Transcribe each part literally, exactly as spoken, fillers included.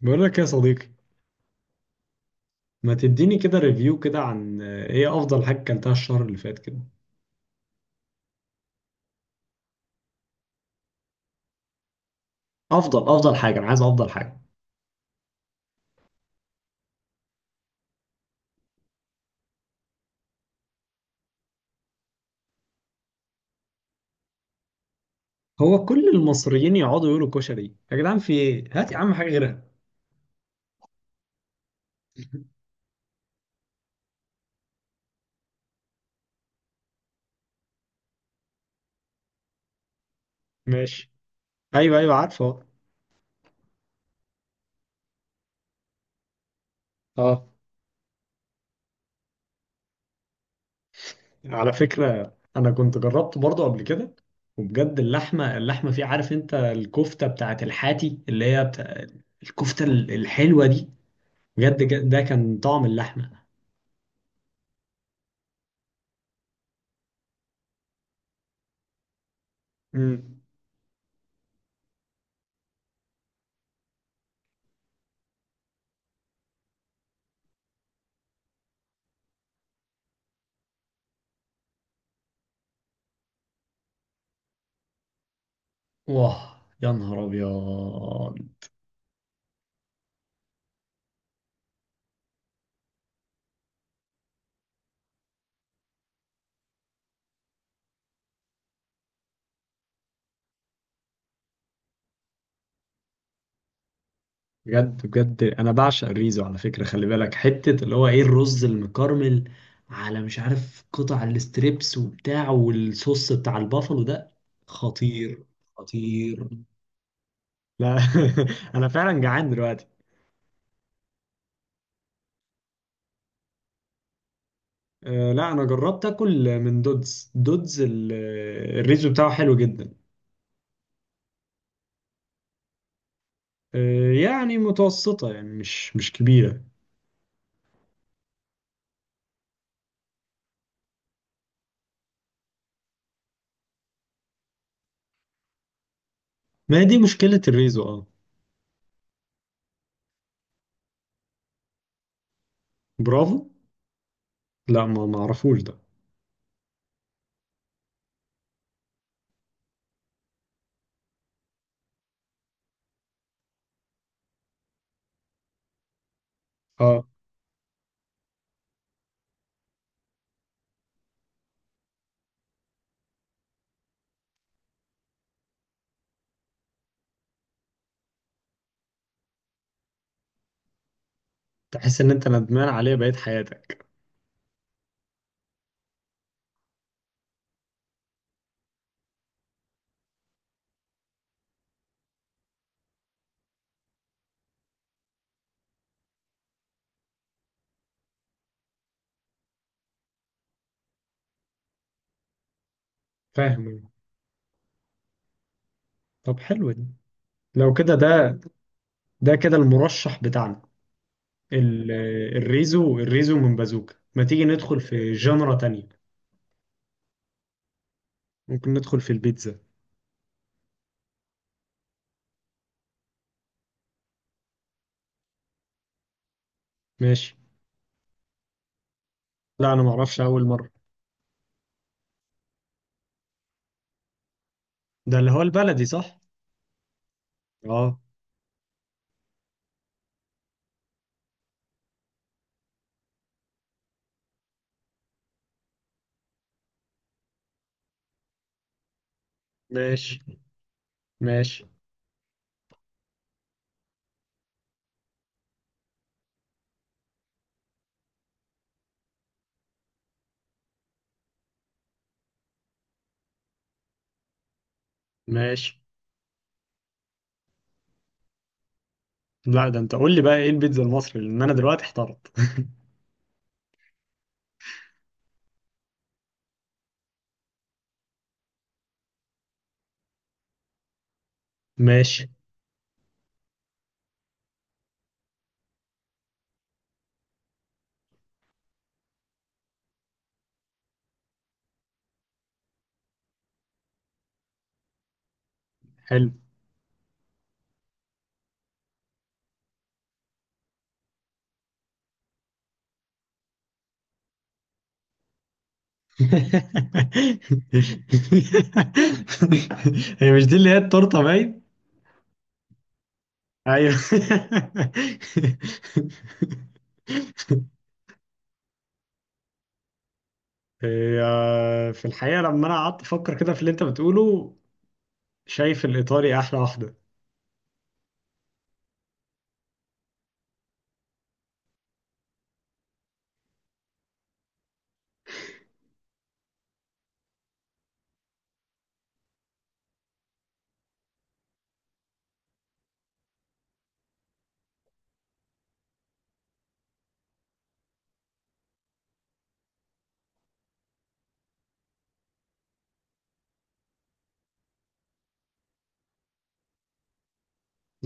بقول لك يا صديقي، ما تديني كده ريفيو كده عن آه، ايه افضل حاجه اكلتها الشهر اللي فات كده؟ افضل افضل حاجه، انا عايز افضل حاجه. هو كل المصريين يقعدوا يقولوا كشري، يا جدعان في ايه؟ هات يا عم حاجه غيرها. ماشي. ايوه ايوه عارفه. اه. على فكره انا كنت جربته برضه قبل كده، وبجد اللحمه، اللحمه فيه، عارف انت الكفته بتاعت الحاتي اللي هي بتاع الكفته ال- الحلوه دي؟ بجد ج- ده كان طعم اللحمه. امم واه، يا نهار ابيض. بجد بجد انا بعشق الريزو، على فكره خلي بالك حته اللي هو ايه، الرز المكرمل، على مش عارف قطع الاستريبس وبتاع، والصوص بتاع البافلو ده خطير. خطير. لا. انا فعلا جعان دلوقتي. أه لا، انا جربت اكل من دودز. دودز ال- الريزو بتاعه حلو جدا. أه يعني متوسطه، يعني مش مش كبيره. ما هي دي مشكله الريزو، اه. برافو. لا، ما ما اعرفوش ده. اه. تحس ان انت ندمان عليه بقيت حياتك. فاهم. طب حلو دي. لو كده ده ده كده المرشح بتاعنا. ال- الريزو، الريزو من بازوكا. ما تيجي ندخل في جنرا تانية؟ ممكن ندخل في البيتزا. ماشي. لا انا معرفش، اول مرة. ده اللي هو البلدي صح؟ اه. ماشي. ماشي. ماشي. لا ده انت قول لي بقى ايه البيتزا المصري، لان انا دلوقتي احترت. ماشي، حلو. هي مش دي اللي هي التورته باين؟ ايوه. هي في الحقيقة لما أنا قعدت أفكر كده في اللي أنت بتقوله، شايف الإيطالي أحلى واحدة.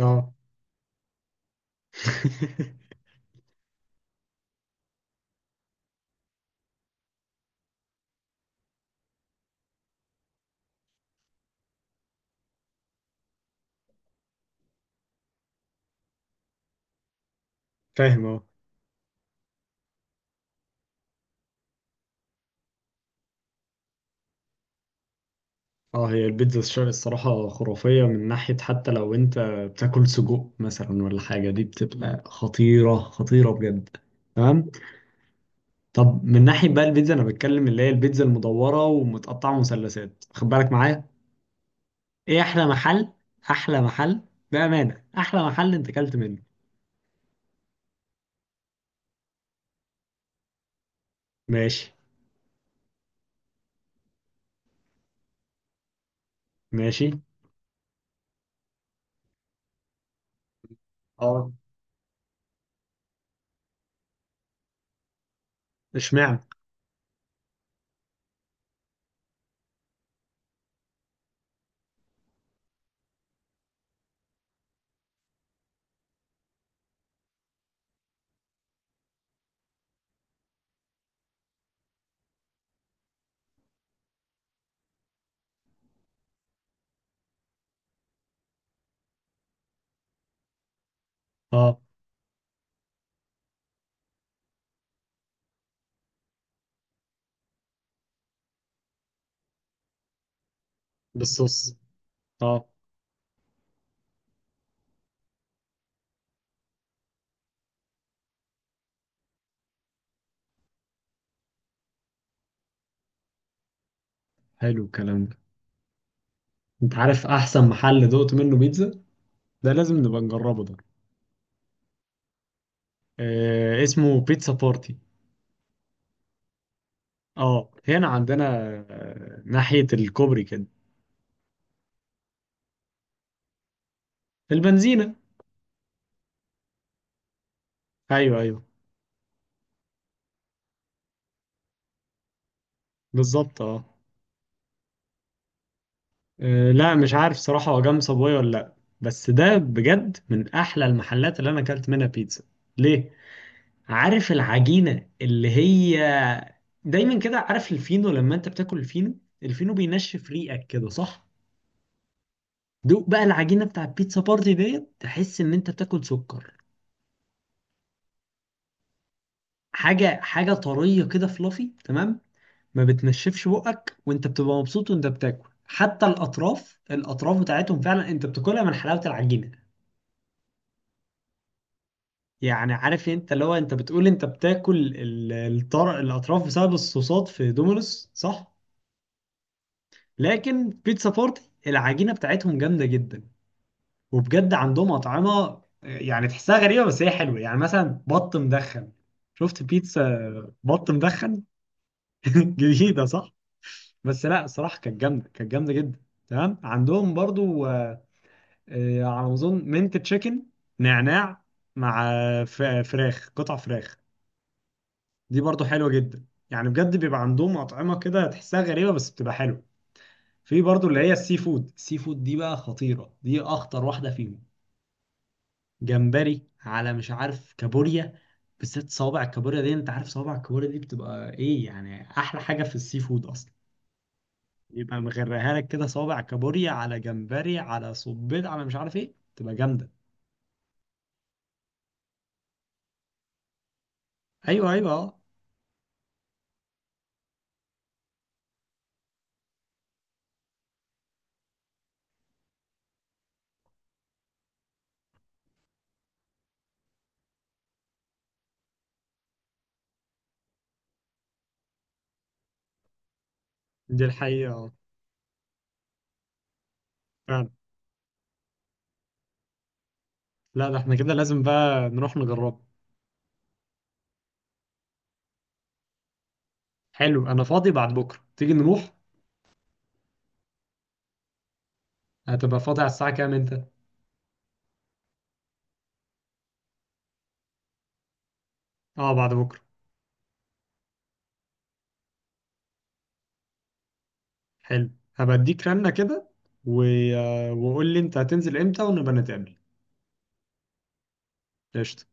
أه. فاهم أه. أه، هي البيتزا الشرقي الصراحة خرافية من ناحية، حتى لو أنت بتاكل سجق مثلا ولا حاجة، دي بتبقى خطيرة، خطيرة بجد. تمام. طب من ناحية بقى البيتزا، أنا بتكلم اللي هي البيتزا المدورة ومتقطعة مثلثات، خد بالك معايا. إيه أحلى محل؟ أحلى محل، بأمانة أحلى محل أنت أكلت منه. ماشي. ماشي. اه. اشمعنى؟ اه. بالصوص. اه. حلو الكلام ده. انت عارف احسن محل دقت منه بيتزا؟ ده لازم نبقى نجربه ده. آه اسمه بيتزا بارتي. اه هنا عندنا، آه ناحية الكوبري كده. البنزينة. ايوه ايوه. بالظبط اه. آه، لا مش عارف صراحة هو جنب صابوي ولا لا، بس ده بجد من احلى المحلات اللي انا اكلت منها بيتزا. ليه؟ عارف العجينة اللي هي، دايما كده عارف الفينو، لما انت بتاكل الفينو، الفينو بينشف ريقك كده صح؟ دوق بقى العجينه بتاع البيتزا بارتي ديت، تحس ان انت بتاكل سكر. حاجه، حاجه طريه كده فلافي، تمام. ما بتنشفش بقك وانت بتبقى مبسوط وانت بتاكل، حتى الاطراف، الاطراف بتاعتهم فعلا انت بتاكلها من حلاوه العجينه. يعني عارف انت اللي هو انت بتقول انت بتاكل ال- الطر... الاطراف بسبب الصوصات في دومينوس صح؟ لكن بيتزا بارتي، العجينه بتاعتهم جامده جدا. وبجد عندهم أطعمة يعني تحسها غريبة بس هي حلوة، يعني مثلا بط مدخن. شفت بيتزا بط مدخن؟ جديدة صح؟ بس لا صراحة كانت جامدة، كانت جامدة جدا. تمام، عندهم برضو آه، آه، على ما أظن منت تشيكن نعناع، مع آه، ف- فراخ، قطع فراخ. دي برضو حلوة جدا، يعني بجد بيبقى عندهم أطعمة كده تحسها غريبة بس بتبقى حلوة. في برضو اللي هي السي فود، السي فود دي بقى خطيرة، دي أخطر واحدة فيهم. جمبري، على مش عارف كابوريا، بالذات صوابع الكابوريا دي. انت عارف صوابع الكابوريا دي بتبقى ايه؟ يعني احلى حاجه في السي فود اصلا. يبقى مغرقها لك كده صوابع كابوريا على جمبري على صبيط على مش عارف ايه، تبقى جامده. ايوه ايوه اه. دي الحقيقه اه. فعلا. لا ده احنا كده لازم بقى نروح نجربه. حلو، انا فاضي بعد بكره تيجي نروح. هتبقى فاضي على الساعه كام انت؟ اه بعد بكره. حلو، هبقى اديك رنه كده و... آه، وقول لي انت هتنزل امتى ونبقى نتقابل. قشطه.